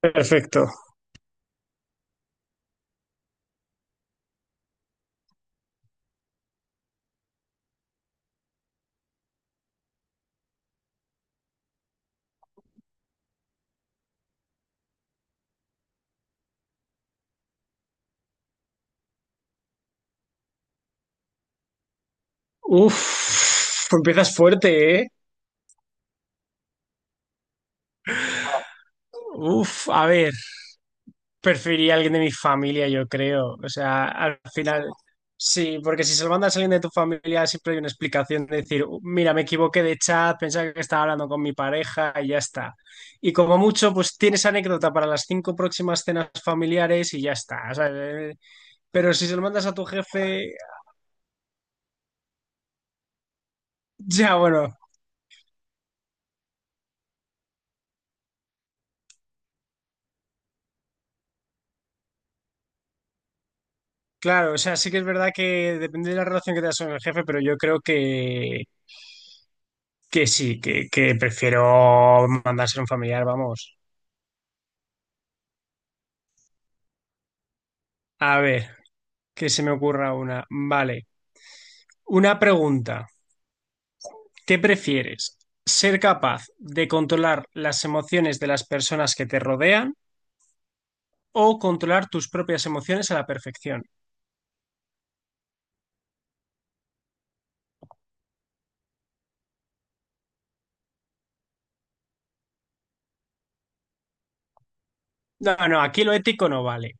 Perfecto. Uf, empiezas fuerte, ¿eh? Uf, a ver, preferiría a alguien de mi familia, yo creo. O sea, al final, sí, porque si se lo mandas a alguien de tu familia, siempre hay una explicación de decir, mira, me equivoqué de chat, pensaba que estaba hablando con mi pareja y ya está." Y como mucho, pues tienes anécdota para las cinco próximas cenas familiares y ya está. O sea, pero si se lo mandas a tu jefe, ya bueno. Claro, o sea, sí que es verdad que depende de la relación que tengas con el jefe, pero yo creo que sí, que prefiero mandarse a un familiar, vamos. A ver, que se me ocurra una. Vale, una pregunta. ¿Qué prefieres? ¿Ser capaz de controlar las emociones de las personas que te rodean o controlar tus propias emociones a la perfección? No, no, aquí lo ético no vale.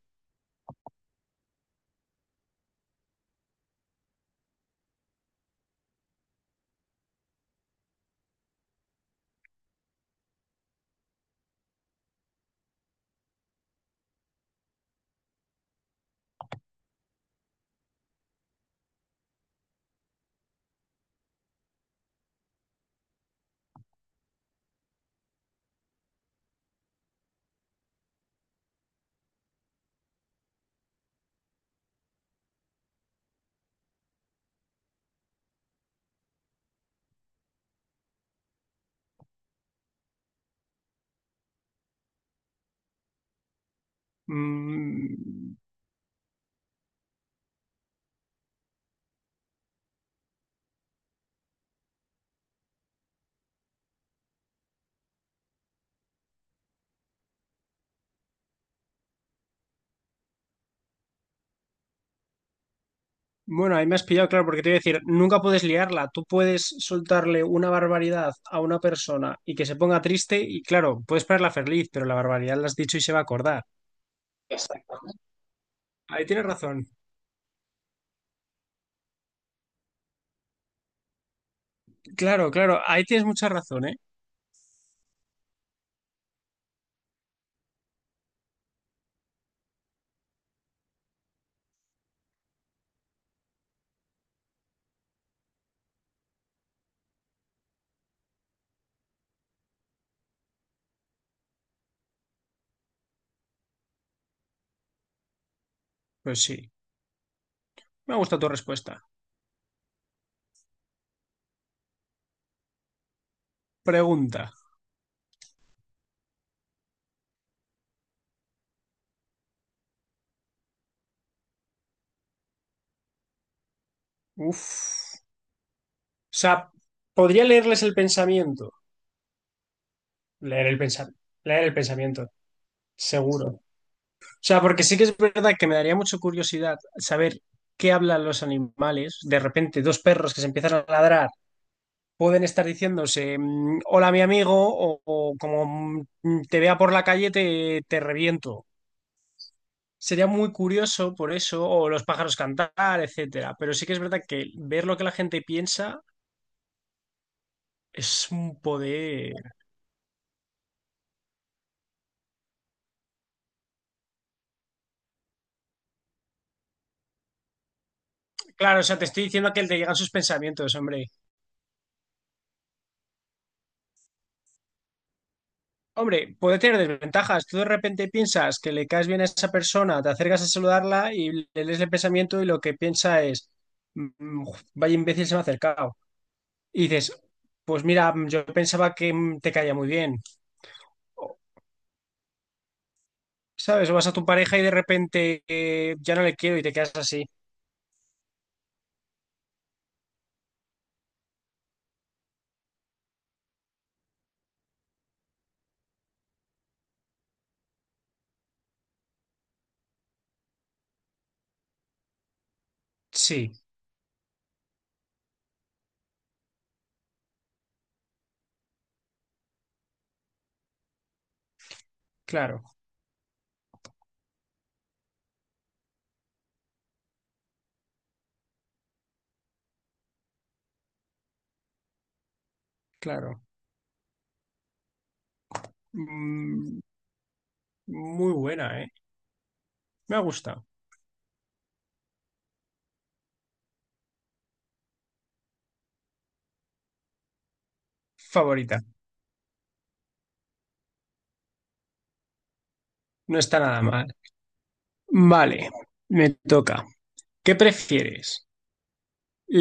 Mm. Bueno, ahí me has pillado, claro, porque te iba a decir, nunca puedes liarla. Tú puedes soltarle una barbaridad a una persona y que se ponga triste y claro, puedes ponerla feliz, pero la barbaridad la has dicho y se va a acordar. Exacto. Ahí tienes razón. Claro, claro, ahí tienes mucha razón, ¿eh? Pues sí, me ha gustado tu respuesta. Pregunta. Uf. O sea, podría leerles el pensamiento. Leer el pensamiento. Leer el pensamiento. Seguro. O sea, porque sí que es verdad que me daría mucha curiosidad saber qué hablan los animales. De repente, dos perros que se empiezan a ladrar pueden estar diciéndose, hola mi amigo, o como te vea por la calle te reviento. Sería muy curioso por eso, o los pájaros cantar, etcétera. Pero sí que es verdad que ver lo que la gente piensa es un poder. Claro, o sea, te estoy diciendo que te llegan sus pensamientos, hombre. Hombre, puede tener desventajas. Tú de repente piensas que le caes bien a esa persona, te acercas a saludarla y le lees el pensamiento y lo que piensa es, "Mm, vaya imbécil se me ha acercado." Y dices, pues mira, yo pensaba que te caía muy bien. O, ¿sabes? O vas a tu pareja y de repente ya no le quiero y te quedas así. Sí, claro, claro. Mm, muy buena, ¿eh? Me ha gustado. Favorita. No está nada mal. Vale, me toca. ¿Qué prefieres?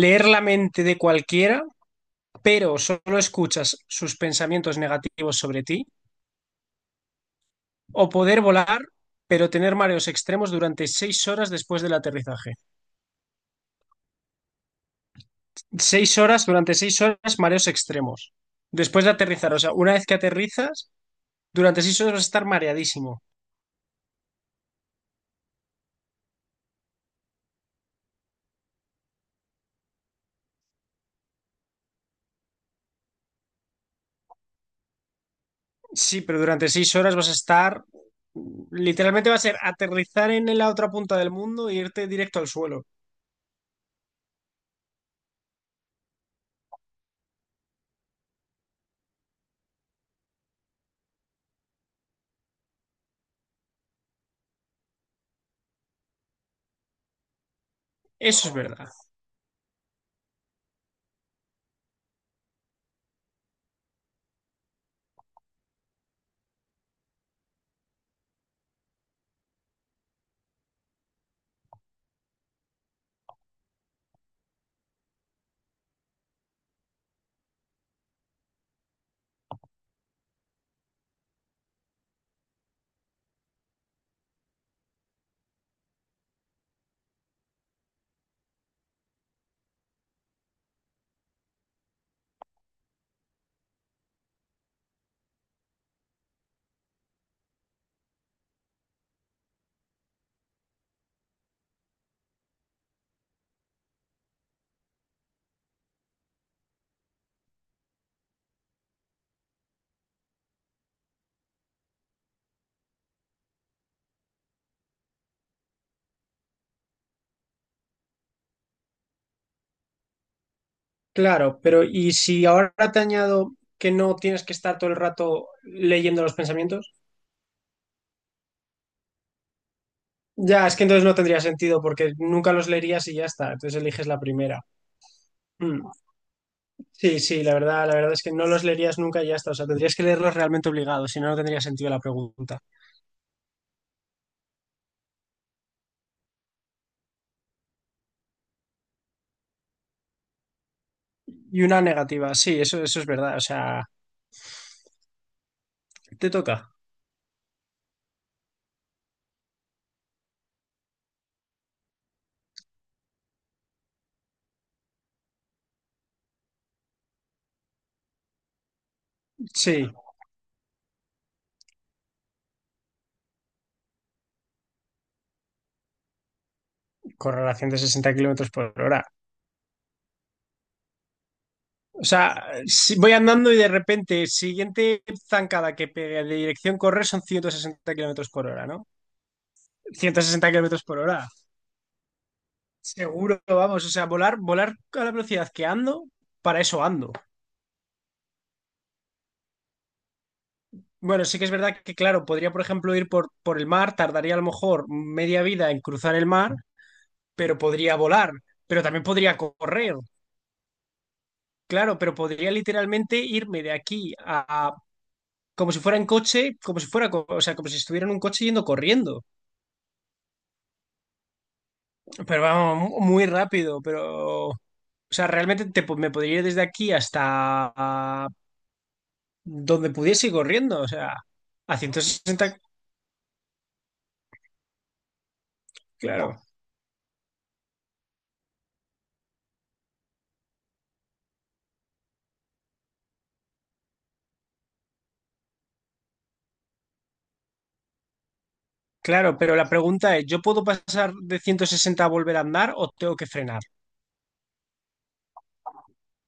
Leer la mente de cualquiera, pero solo escuchas sus pensamientos negativos sobre ti, o poder volar, pero tener mareos extremos durante 6 horas después del aterrizaje. 6 horas, durante 6 horas, mareos extremos. Después de aterrizar, o sea, una vez que aterrizas, durante 6 horas vas a estar mareadísimo. Sí, pero durante 6 horas vas a estar... Literalmente va a ser aterrizar en la otra punta del mundo e irte directo al suelo. Eso es verdad. Claro, pero ¿y si ahora te añado que no tienes que estar todo el rato leyendo los pensamientos? Ya, es que entonces no tendría sentido porque nunca los leerías y ya está. Entonces eliges la primera. Mm. Sí, sí, la verdad es que no los leerías nunca y ya está. O sea, tendrías que leerlos realmente obligados, si no, no tendría sentido la pregunta. Y una negativa, sí, eso es verdad. O sea. Te toca. Sí, correlación de 60 kilómetros por hora. O sea, si voy andando y de repente, siguiente zancada que pegue de dirección correr son 160 kilómetros por hora, ¿no? 160 kilómetros por hora. Seguro, vamos. O sea, volar, volar a la velocidad que ando, para eso ando. Bueno, sí que es verdad que, claro, podría, por ejemplo, ir por el mar, tardaría a lo mejor media vida en cruzar el mar, pero podría volar, pero también podría correr, claro, pero podría literalmente irme de aquí a, como si fuera en coche, como si fuera, o sea, como si estuviera en un coche yendo corriendo. Pero vamos, muy rápido, pero... O sea, realmente me podría ir desde aquí hasta donde pudiese ir corriendo, o sea, a 160. Claro, claro, pero la pregunta es, ¿yo puedo pasar de 160 a volver a andar o tengo que frenar?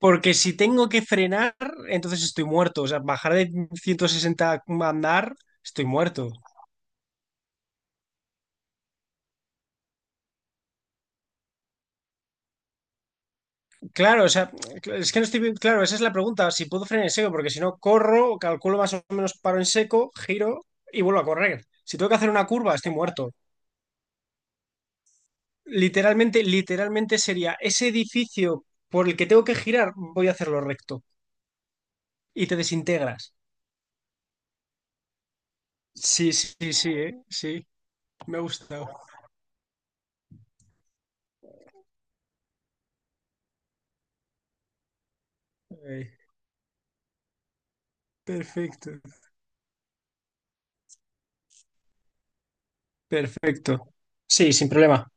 Porque si tengo que frenar, entonces estoy muerto, o sea, bajar de 160 a andar, estoy muerto. Claro, o sea, es que no estoy bien, claro, esa es la pregunta, si puedo frenar en seco, porque si no corro, calculo más o menos paro en seco, giro y vuelvo a correr. Si tengo que hacer una curva, estoy muerto. Literalmente, literalmente sería ese edificio por el que tengo que girar, voy a hacerlo recto y te desintegras. Sí, sí, sí, sí, me ha gustado. Eh, Perfecto, perfecto. Sí, sin problema.